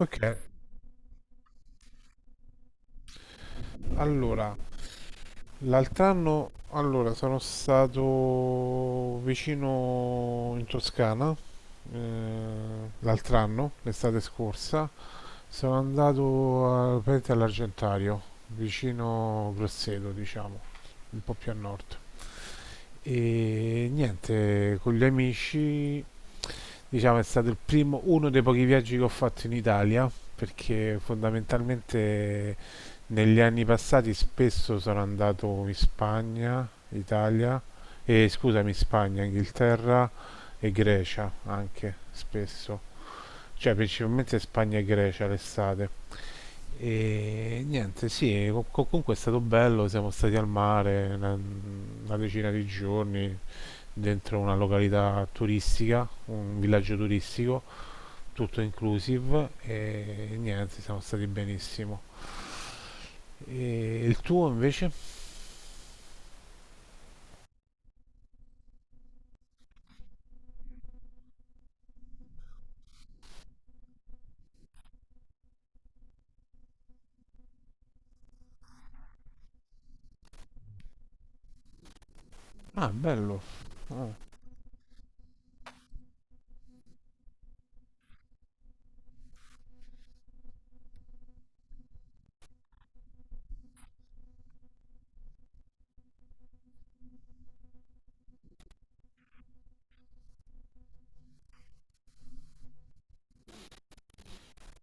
Ok, allora, l'altro anno allora, sono stato vicino in Toscana, l'altro anno, l'estate scorsa, sono andato praticamente all'Argentario, vicino Grosseto, diciamo, un po' più a nord. E niente, con gli amici, diciamo, è stato il primo, uno dei pochi viaggi che ho fatto in Italia, perché fondamentalmente negli anni passati spesso sono andato in Spagna, Italia, e scusami, Spagna, Inghilterra e Grecia anche spesso, cioè principalmente Spagna e Grecia l'estate. E niente, sì, comunque è stato bello, siamo stati al mare una decina di giorni dentro una località turistica, un villaggio turistico, tutto inclusive e niente, siamo stati benissimo. E il tuo invece? Ah, bello. Ah.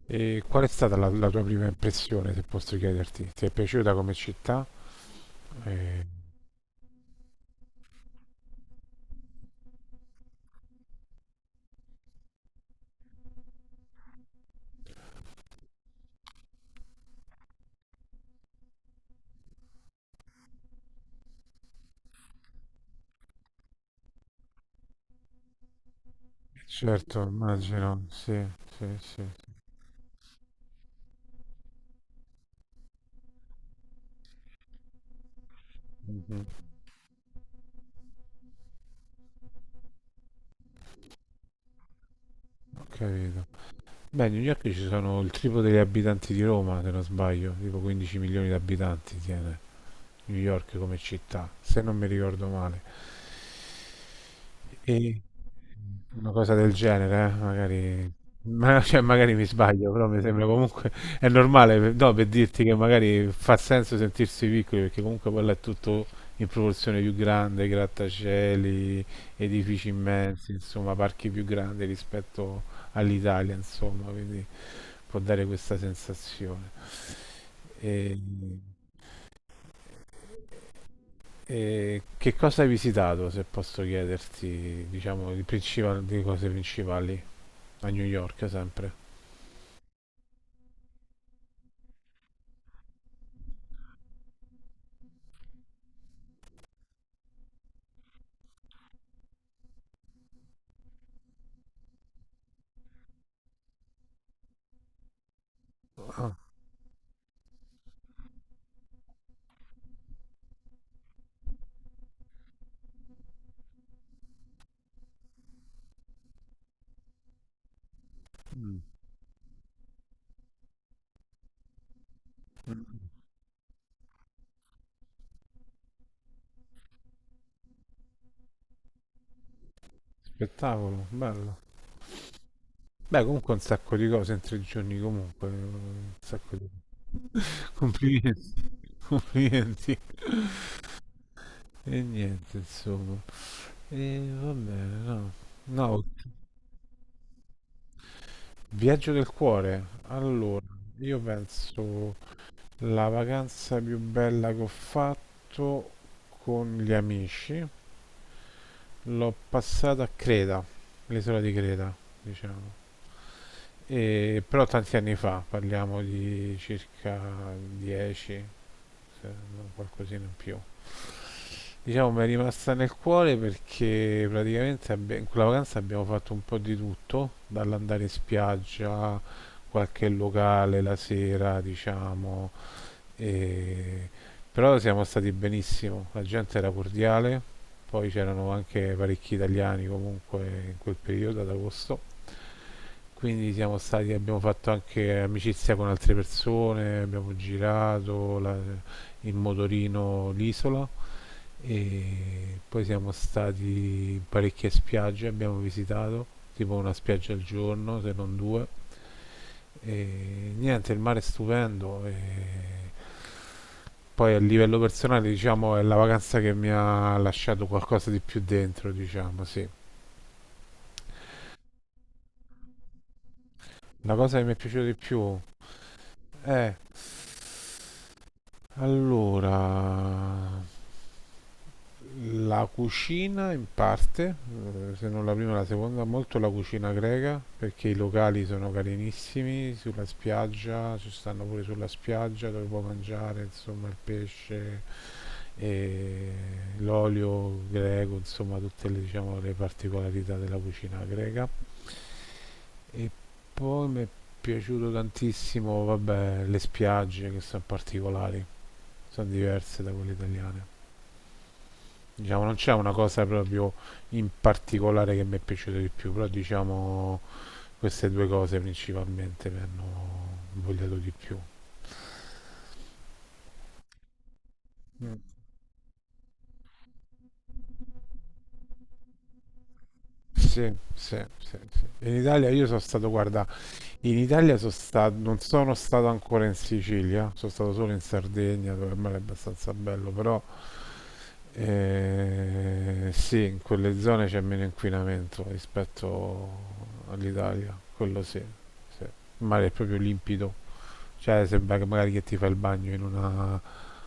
E qual è stata la tua prima impressione, se posso chiederti? Ti è piaciuta come città? Eh, certo, immagino, sì, sì, sì, sì. Mhm. Ho capito. Beh, a New York ci sono il triplo degli abitanti di Roma, se non sbaglio, tipo 15 milioni di abitanti tiene. New York come città, se non mi ricordo male. E una cosa del genere, magari, cioè, magari mi sbaglio, però mi sembra comunque è normale, no, per dirti che magari fa senso sentirsi piccoli, perché comunque quello è tutto in proporzione più grande, grattacieli, edifici immensi, insomma, parchi più grandi rispetto all'Italia, insomma, quindi può dare questa sensazione. E... E che cosa hai visitato, se posso chiederti, diciamo, di cose principali a New York sempre? Ah, spettacolo, bello. Beh, comunque un sacco di cose in 3 giorni, comunque, un sacco di. Complimenti, complimenti. E niente, insomma. E va bene, no. No, viaggio del cuore. Allora, io penso la vacanza più bella che ho fatto con gli amici. L'ho passata a Creta, l'isola di Creta, diciamo. Però tanti anni fa, parliamo di circa 10, se non qualcosina in più. Diciamo mi è rimasta nel cuore perché praticamente in quella vacanza abbiamo fatto un po' di tutto, dall'andare in spiaggia, qualche locale la sera, diciamo, e- Però siamo stati benissimo, la gente era cordiale, poi c'erano anche parecchi italiani comunque in quel periodo ad agosto, quindi siamo stati, abbiamo fatto anche amicizia con altre persone, abbiamo girato in motorino l'isola e poi siamo stati in parecchie spiagge, abbiamo visitato tipo una spiaggia al giorno, se non due, e niente, il mare è stupendo. E poi a livello personale, diciamo, è la vacanza che mi ha lasciato qualcosa di più dentro, diciamo, sì. La cosa che mi è piaciuta di più è allora la cucina in parte, se non la prima, la seconda, molto la cucina greca, perché i locali sono carinissimi sulla spiaggia, ci stanno pure sulla spiaggia dove puoi mangiare, insomma, il pesce e l'olio greco, insomma tutte le, diciamo, le particolarità della cucina greca. E poi mi è piaciuto tantissimo, vabbè, le spiagge che sono particolari, sono diverse da quelle italiane. Diciamo, non c'è una cosa proprio in particolare che mi è piaciuta di più, però diciamo queste due cose principalmente mi hanno invogliato di più. Mm. Sì, sì, sì, sì. In Italia io sono stato, guarda, in Italia sono stato, non sono stato ancora in Sicilia, sono stato solo in Sardegna dove il mare è abbastanza bello, però sì, in quelle zone c'è meno inquinamento rispetto all'Italia, quello sì, sì. Il mare è proprio limpido, cioè sembra che magari che ti fai il bagno in una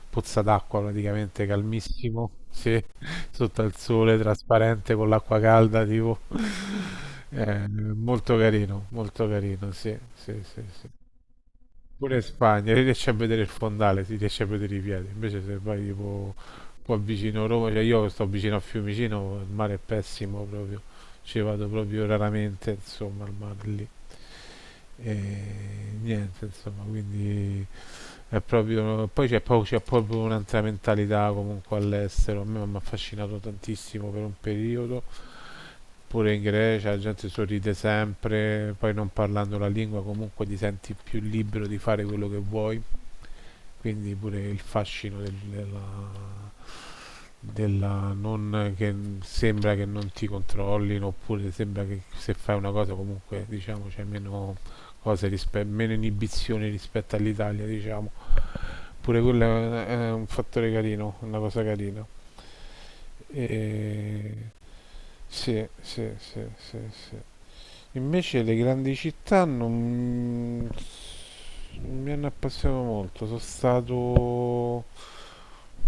pozza d'acqua praticamente calmissimo, sì, sotto al sole, trasparente, con l'acqua calda tipo. Molto carino, molto carino, sì, sì, sì. Pure in Spagna si riesce a vedere il fondale, si riesce a vedere i piedi. Invece se vai tipo qua vicino a Roma, cioè io sto vicino a Fiumicino, il mare è pessimo proprio. Ci vado proprio raramente, insomma, al mare lì. E niente, insomma, quindi è proprio. Poi c'è proprio un'altra mentalità comunque all'estero. A me mi ha affascinato tantissimo per un periodo. Pure in Grecia la gente sorride sempre, poi non parlando la lingua comunque ti senti più libero di fare quello che vuoi, quindi pure il fascino della, della non che sembra che non ti controllino oppure sembra che se fai una cosa comunque diciamo c'è meno cose meno inibizioni rispetto all'Italia, diciamo pure quello è un fattore carino, una cosa carina, e sì, sì, sì, sì, sì. Invece le grandi città non mi hanno appassionato molto, sono stato.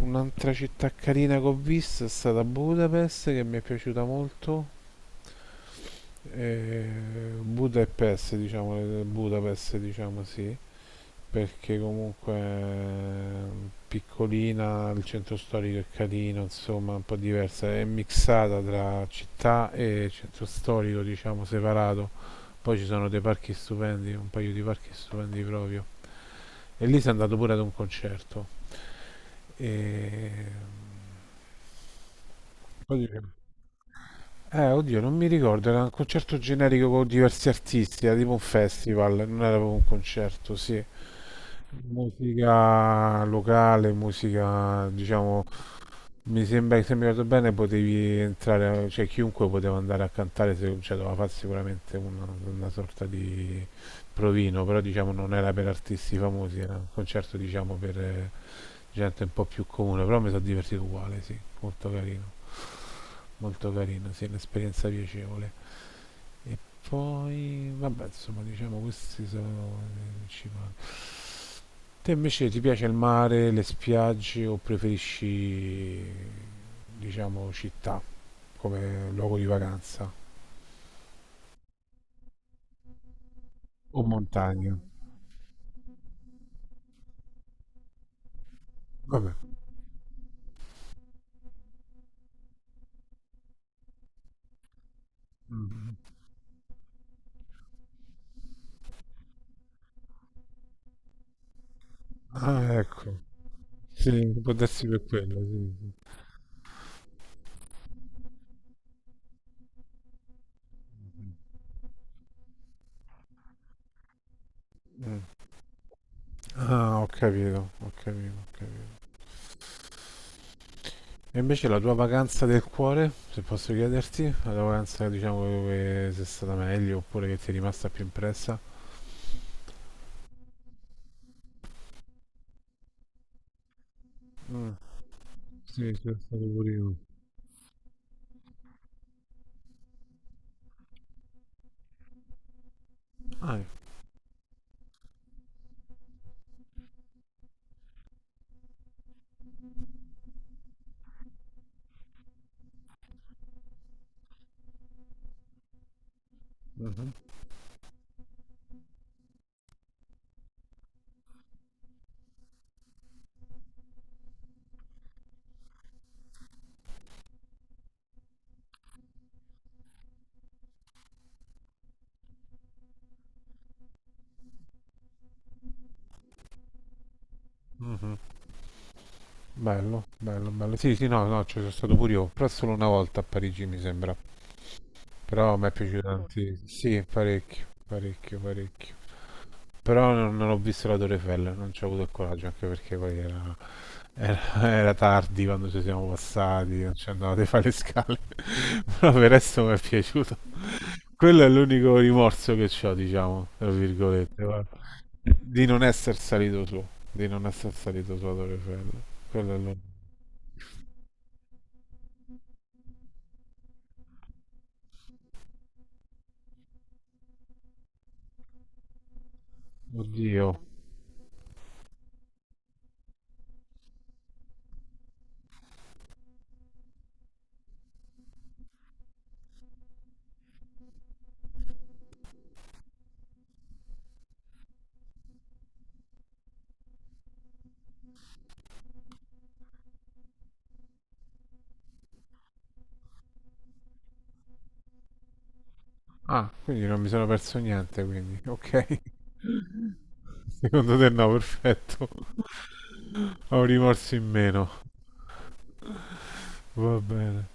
Un'altra città carina che ho visto è stata Budapest, che mi è piaciuta molto. E Budapest, diciamo, Budapest, diciamo sì, perché comunque è piccolina, il centro storico è carino, insomma, un po' diversa, è mixata tra città e centro storico, diciamo, separato. Poi ci sono dei parchi stupendi, un paio di parchi stupendi proprio. E lì si è andato pure ad un concerto. E... Poi dice- Oddio, non mi ricordo, era un concerto generico con diversi artisti, era tipo un festival, non era proprio un concerto, sì. Musica locale, musica, diciamo, mi sembra che se mi ricordo bene potevi entrare, cioè chiunque poteva andare a cantare, se, cioè doveva fare sicuramente una sorta di provino, però diciamo non era per artisti famosi, era un concerto diciamo per gente un po' più comune, però mi sono divertito uguale, sì, molto carino, sì, un'esperienza piacevole. E poi, vabbè, insomma, diciamo questi sono i principali. Te invece ti piace il mare, le spiagge o preferisci, diciamo, città come luogo di vacanza o montagna? Vabbè. Mm. Ah, ecco. Sì, può darsi per quello, sì, sì. Mm. Ah, ho capito, ho capito, ho capito. E invece la tua vacanza del cuore, se posso chiederti, la tua vacanza diciamo dove sei stata meglio oppure che ti è rimasta più impressa? Sì, c'è stato pure io. Ah, mhm, mhm. Bello, bello, bello. Sì, sì, no, no, ci sono stato pure io, però solo una volta a Parigi mi sembra. Però mi è piaciuto, sì, tantissimo. Sì, parecchio, parecchio, parecchio. Però non ho visto la Torre Eiffel, non ci ho avuto il coraggio, anche perché poi era, era tardi quando ci siamo passati, non ci andavate a fare le scale. Però per il resto mi è piaciuto. Quello è l'unico rimorso che ho, diciamo, tra virgolette, guarda. Di non essere salito su, di non essere salito su a Torre Eiffel. Quello è l'unico. Oddio. Ah, quindi non mi sono perso niente, quindi. Ok. Secondo te no, perfetto. Ho un rimorso in meno. Va bene.